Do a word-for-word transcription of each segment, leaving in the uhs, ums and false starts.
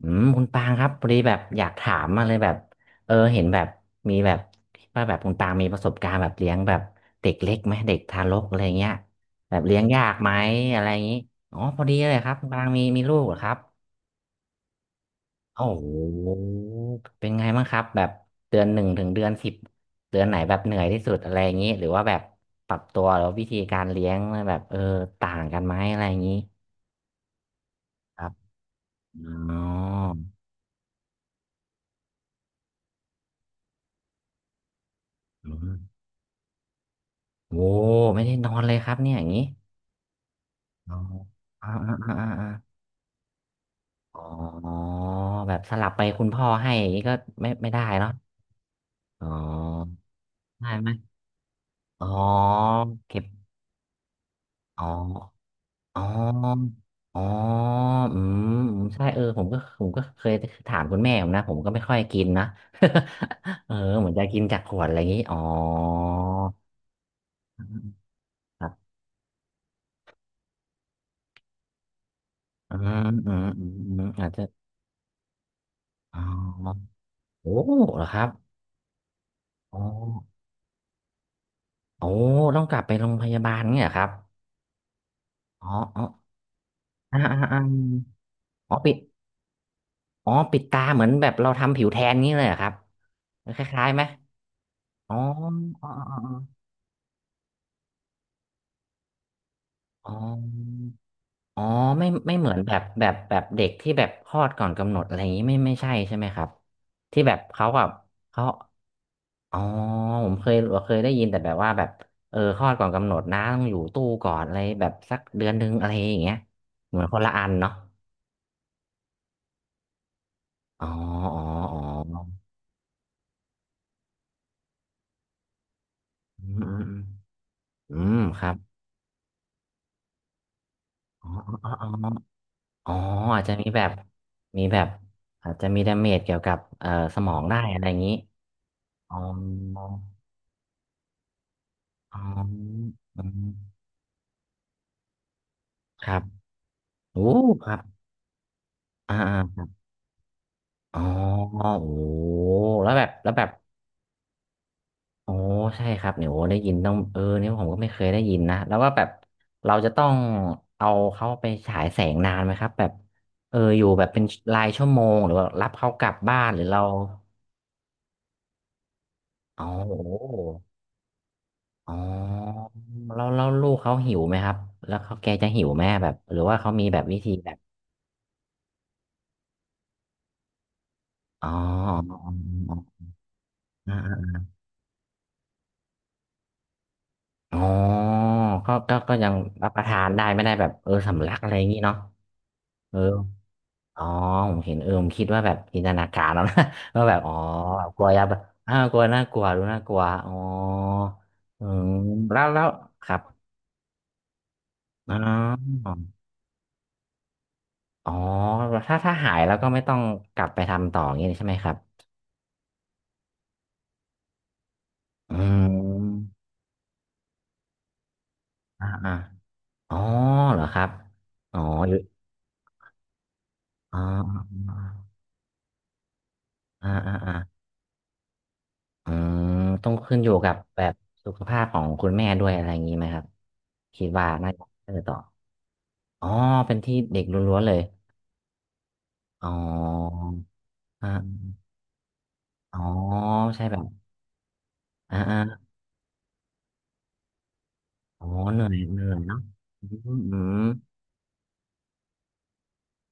อืมคุณปางครับพอดีแบบอยากถามมาเลยแบบเออเห็นแบบมีแบบว่าแบบคุณปางมีประสบการณ์แบบเลี้ยงแบบเด็กเล็กไหมเด็กทารกอะไรเงี้ยแบบเลี้ยงยากไหมอะไรอย่างนี้อ๋อพอดีเลยครับคุณปางมีมีลูกเหรอครับโอ้โหเป็นไงบ้างครับแบบเดือนหนึ่งถึงเดือนสิบเดือนไหนแบบเหนื่อยที่สุดอะไรอย่างนี้หรือว่าแบบปรับตัวหรือวาวิธีการเลี้ยงแบบเออต่างกันไหมอะไรอย่างนี้ครับอ๋ออืมโอ้ไม่ได้นอนเลยครับเนี่ยอย่างนี้ อ๋ออ่าอ่าอ่าอ่าอาอ๋อแบบสลับไปคุณพ่อให้อย่างนี้ก็ไม่ไม่ได้เนาะอ๋อได้ไหมอ๋อเก็บอ๋ออ๋ออ๋ออืมอืมใช่เออผมก็ผมก็เคยถามคุณแม่ผมนะผมก็ไม่ค่อยกินนะ เออเหมือนจะกินจากขวดอะไรอย่างนี้อ๋อครับอืมอืมอืมอืมอาจจะอ๋อโอ้เหรอครับอ๋อโอ้ต้องกลับไปโรงพยาบาลเนี่ยเหรอครับ อ๋ออ๋ออ่าอ่าอ่าอ๋อปิดอ๋อปิดตาเหมือนแบบเราทำผิวแทนนี้เลยเหรอครับคล้ายๆไหมอ๋ออ๋ออ๋ออ๋ออ๋ออ๋อไม่ไม่เหมือนแบบแบบแบบเด็กที่แบบคลอดก่อนกำหนดอะไรอย่างนี้ไม่ไม่ใช่ใช่ไหมครับที่แบบเขาแบบเขาอ๋อผมเคยเคยได้ยินแต่แบบว่าแบบเออคลอดก่อนกำหนดนะต้องอยู่ตู้ก่อนอะไรแบบสักเดือนหนึ่งอะไรอย่างเงี้ยเหมือนคนละอันเนาะอ๋ออ๋ออ๋ออืมอืมอืมอืมครับอ๋ออ๋ออ๋อ อ๋ออาจจะมีแบบมีแบบอาจจะมีดาเมจเกี่ยวกับเอ่อสมองได้อะไรอย่างนี้อ๋ออ๋ออืมครับโอ้ครับอ่าออ๋อโอ้แล้วแบบแล้วแบบโอ้ใช่ครับเนี่ยโอ้ได้ยินต้องเออนี่ผมก็ไม่เคยได้ยินนะแล้วว่าแบบเราจะต้องเอาเขาไปฉายแสงนานไหมครับแบบเอออยู่แบบเป็นรายชั่วโมงหรือว่ารับเขากลับบ้านหรือเราอ๋อโอ้ อ๋อแล้วแล้วลูกเขาหิวไหมครับแล้วเขาแกจะหิวไหมแบบหรือว่าเขามีแบบวิธีแบบอ๋ออ๋ออ๋ออ๋อก็ก็ก็ยังรับประทานได้ไม่ได้แบบเออสำลักอะไรอย่างงี้เนาะเอออ๋อผมเห็นเออผมคิดว่าแบบจินตนาการแล้ว นะว่าแบบอ๋อแบบกลัวยาแบบอ้าวกลัวน่ากลัวดูน่ากลัวอ๋ออืมแล้วแล้วครับอ๋ออ๋อถ้าถ้าหายแล้วก็ไม่ต้องกลับไปทำต่ออย่างงี้ใช่ไหมครับอืม อ่าอ่าอ๋อเหรอครับอ๋อหรืออ๋ออ่าอ่าอ่าอืมต้องขึ้นอยู่กับแบบสุขภาพของคุณแม่ด้วยอะไรอย่างนี้ไหมครับคิดว่าน่าจะเออต่ออ๋อเป็นที่เด็กล้วนๆเลยอ๋ออ่าอ๋อใช่แบบอ่าอ่าอ๋อเหนื่อยเหนื่อยเนาะอืมอืม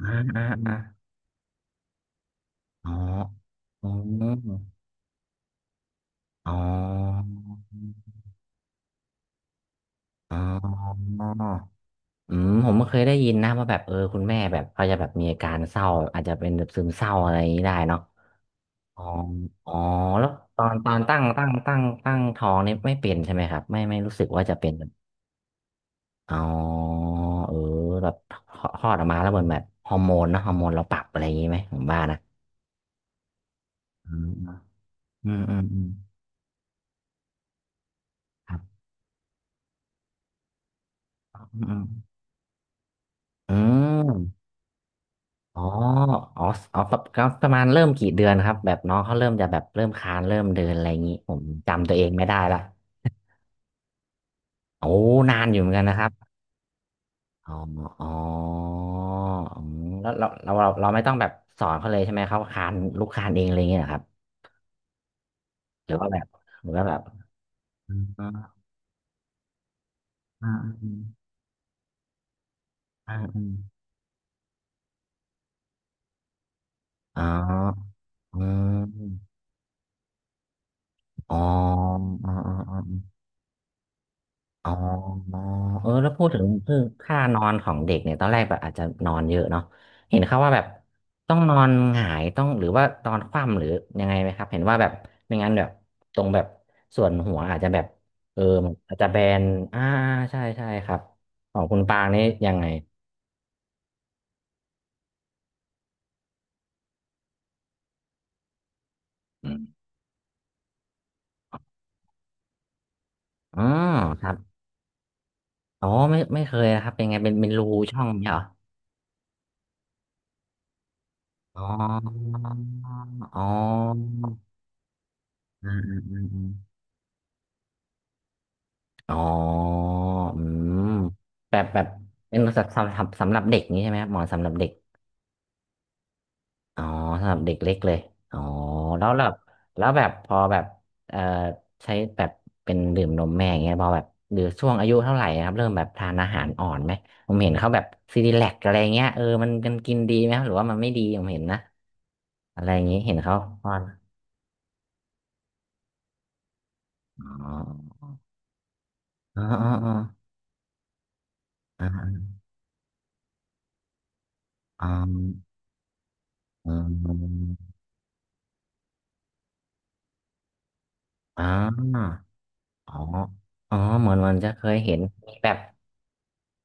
อ่าอ่าอ่าอ๋ออ๋ออ๋ออ๋อ อืมผมก็เคยได้ยินนะว่าแบบเออคุณแม่แบบเขาจะแบบมีอาการเศร้าอาจจะเป็นแบบซึมเศร้าอะไรอย่างนี้ได้เนาะอ๋ออ๋อแล้วตอนตอนตั้งตั้งตั้งตั้งท้องนี่ไม่เป็นใช่ไหมครับไม่ไม่รู้สึกว่าจะเป็นอ๋อเออแบบคลอดออกมาแล้วเหมือนแบบฮอร์โมนเนอะฮอร์โมนเราปรับอะไรอย่างนี้ไหมผมว่านะอืมอืมอืมอืมครับอืมอืมอืมอ๋ออ๋ออ๋อประประประมาณเริ่มกี่เดือนครับแบบน้องเขาเริ่มจะแบบเริ่มคลานเริ่มเดินอะไรอย่างนี้ผมจำตัวเองไม่ได้ละ โอ้นานอยู่เหมือนกันนะครับอ๋ออ๋ออืมแล้วเราเราเราเราไม่ต้องแบบสอนเขาเลยใช่ไหมเขาคานลูกคานเองอะไรอย่างเงี้ยเหรอครับหรือว่าแบบหรือว่าแบบอืมอาอาอาอาอ๋ออืมอ๋ออ๋ออ๋อ อ๋อเออแล้วพูดถึงคืองค่านอนของเด็กเนี่ยตอนแรกแบบอาจจะนอนเยอะเนาะเห็นเขาว่าแบบต้องนอนหงายต้องหรือว่านอนคว่ำหรือยังไงไหมครับเห็นว่าแบบไม่งั้นแบบตรงแบบส่วนหัวอาจจะแบบเออมันอาจจะแบนอ่าใช่ใช่ครับของคุณปางนี่ยังไงอืมอ๋อครับอ๋อไม่ไม่เคยนะครับเป็นไงเป็นเป็นรูช่องเนี่ยเหรออ๋ออ๋ออ๋ออืมอืมอืม อ๋ออืมแบบแบบเป็นสำสำสำสำหรับเด็กนี้ใช่ไหมครับหมอสำหรับเด็กอ๋อสำหรับเด็กเล็กเลยอ๋อแล้วแบบแล้วแบบพอแบบเอ่อใช้แบบเป็นดื่มนมแม่อย่างเงี้ยพอแบบหรือช่วงอายุเท่าไหร่ครับเริ่มแบบทานอาหารอ่อนไหมผมเห็นเขาแบบซีดีแลกอะไรเงี้ยเออมันกันกินดีไหมครับหรือว่ามันไม่ดีผมเห็นนะอะไรอย่างงี้เห็นเขาป้อนอ๋ออ๋ออ๋ออ๋ออ๋ออ๋ออ๋อ อ๋ออ๋อเหมือนเหมันจะเคยเห็นมีแบบ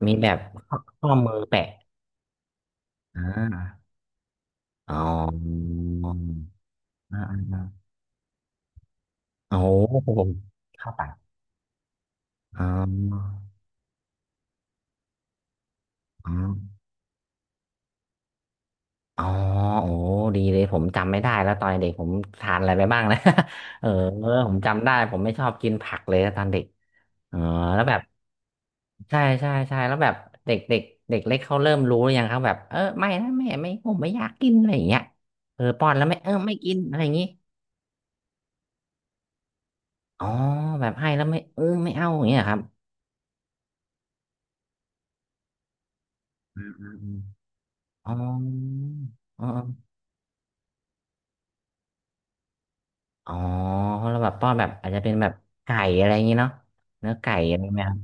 มีแบบข้อข้อมือแปะอ่าอ๋ออ่าอ่าอ่าโอ้โหเข้าไปอ๋ออ๋ออ๋อโอ้ดีเลยผมจำไม่ได้แล้วตอนเด็กผมทานอะไรไปบ้างนะ เออผมจำได้ผมไม่ชอบกินผักเลยตอนเด็กเอ๋อแล้วแบบใช่ใช่ใช่แล้วแบบเด็กเด็กเด็กเล็กเขาเริ่มรู้หรือยังครับแบบเออไม่นะแม่ไม่ผมไม่อยากกินอะไรอย่างเงี้ยเออป้อนแล้วไม่เออไม่กินอะไรอย่างงี้ อ๋อแบบให้แล้วไม่เออไม่เอาอย่างเงี้ยครับอืมอืมอืมอ๋ออ๋ออ๋อแล้วแบบป้อนแบบอาจจะเป็นแบบไก่อะไรอย่างงี้เนาะเนื้อไก่อะไรไหมครับ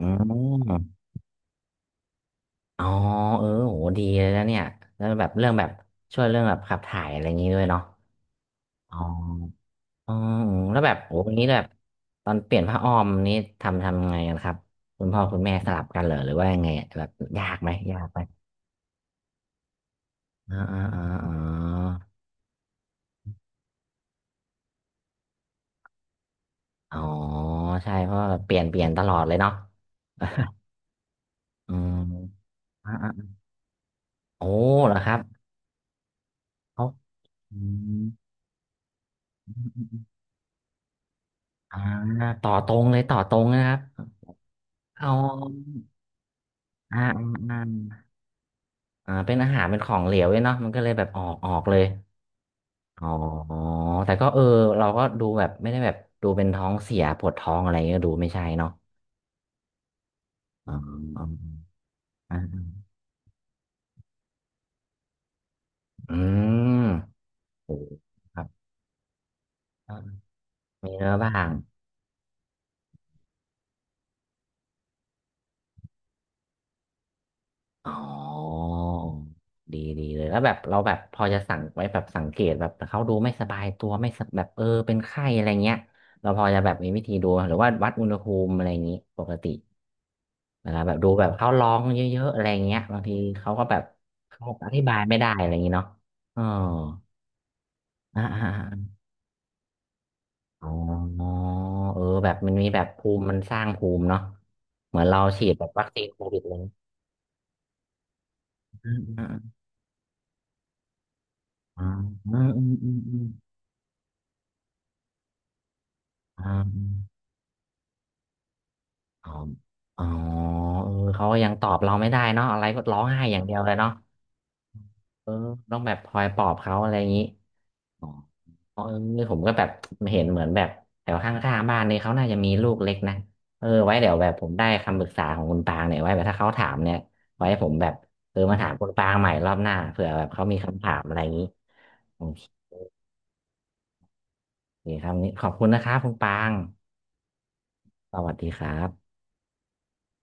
อืมอ๋อเออโหดีเลยนะเนี่ยแล้วแบบเรื่องแบบช่วยเรื่องแบบขับถ่ายอะไรอย่างงี้ด้วยเนาะอ๋ออ๋ออืมแล้วแบบโหอย่างนี้แบบตอนเปลี่ยนผ้าอ้อมนี้ทำทำไงกันครับคุณพ่อคุณแม่สลับกันเหรอหรือว่ายังไงอะแบบยากไหมยากไหมอ่าอ่าอ่า อ๋อใช่เพราะว่าเปลี่ยนเปลี่ยนตลอดเลยเนาะ อืมอ่าอาโอ้เหรอครับเขาอืมอ่าต่อตรงเลยต่อตรงนะครับเอาอ่าอ่าอ่าเป็นอาหารเป็นของเหลวเลยเนาะมันก็เลยแบบออกออกเลยอ๋อแต่ก็เออเราก็ดูแบบไม่ได้แบบดูเป็นท้องเสียปวดท้องอะไรก็ดูไม่ใช่เนาะอ๋ออ๋ออ่าอืมโอ้ครับมีเนื้อบ้าง อ๋อดีดีเลยแล้วแบบเราแบบพอจะสังไว้แบบสังเกตแบบเขาดูไม่สบายตัวไม่สแบบเออเป็นไข้อะไรเงี้ยเราพอจะแบบมีวิธีดูหรือว่าวัดอุณหภูมิอะไรอย่างนี้ปกติเวลาแบบดูแบบเขาร้องเยอะๆอะไรเงี้ยบางทีเขาก็แบบเขาอธิบายไม่ได้อะไรอย่างนี้เนาะอ๋ออ่าอ่าอ่าอ๋อเออแบบมันมีแบบภูมิมันสร้างภูมิเนาะเหมือนเราฉีดแบบวัคซีนโควิดเลยอ่าอ่าอ่าอืมอืมอืมอืมอ่า อ๋ออ๋อเออเขาก็ยังตอบเราไม่ได้เนาะอะไรก็ร้องไห้อย่างเดียวเลยเนาะเออต้องแบบคอยปลอบเขาอะไรอย่างนี้อ๋อเออนี่ผมก็แบบเห็นเหมือนแบบแถวข้างๆบ้านนี่เขาน่าจะมีลูกเล็กนะเออไว้เดี๋ยวแบบผมได้คำปรึกษาของคุณปางเนี่ยไว้แบบถ้าเขาถามเนี่ยไว้ผมแบบเออมาถามคุณปางใหม่รอบหน้าเผื่อแบบเขามีคำถามอะไรอย่างนี้โอเคครับวันนี้ขอบคุณนะครับคุณปางสวัสดีครับ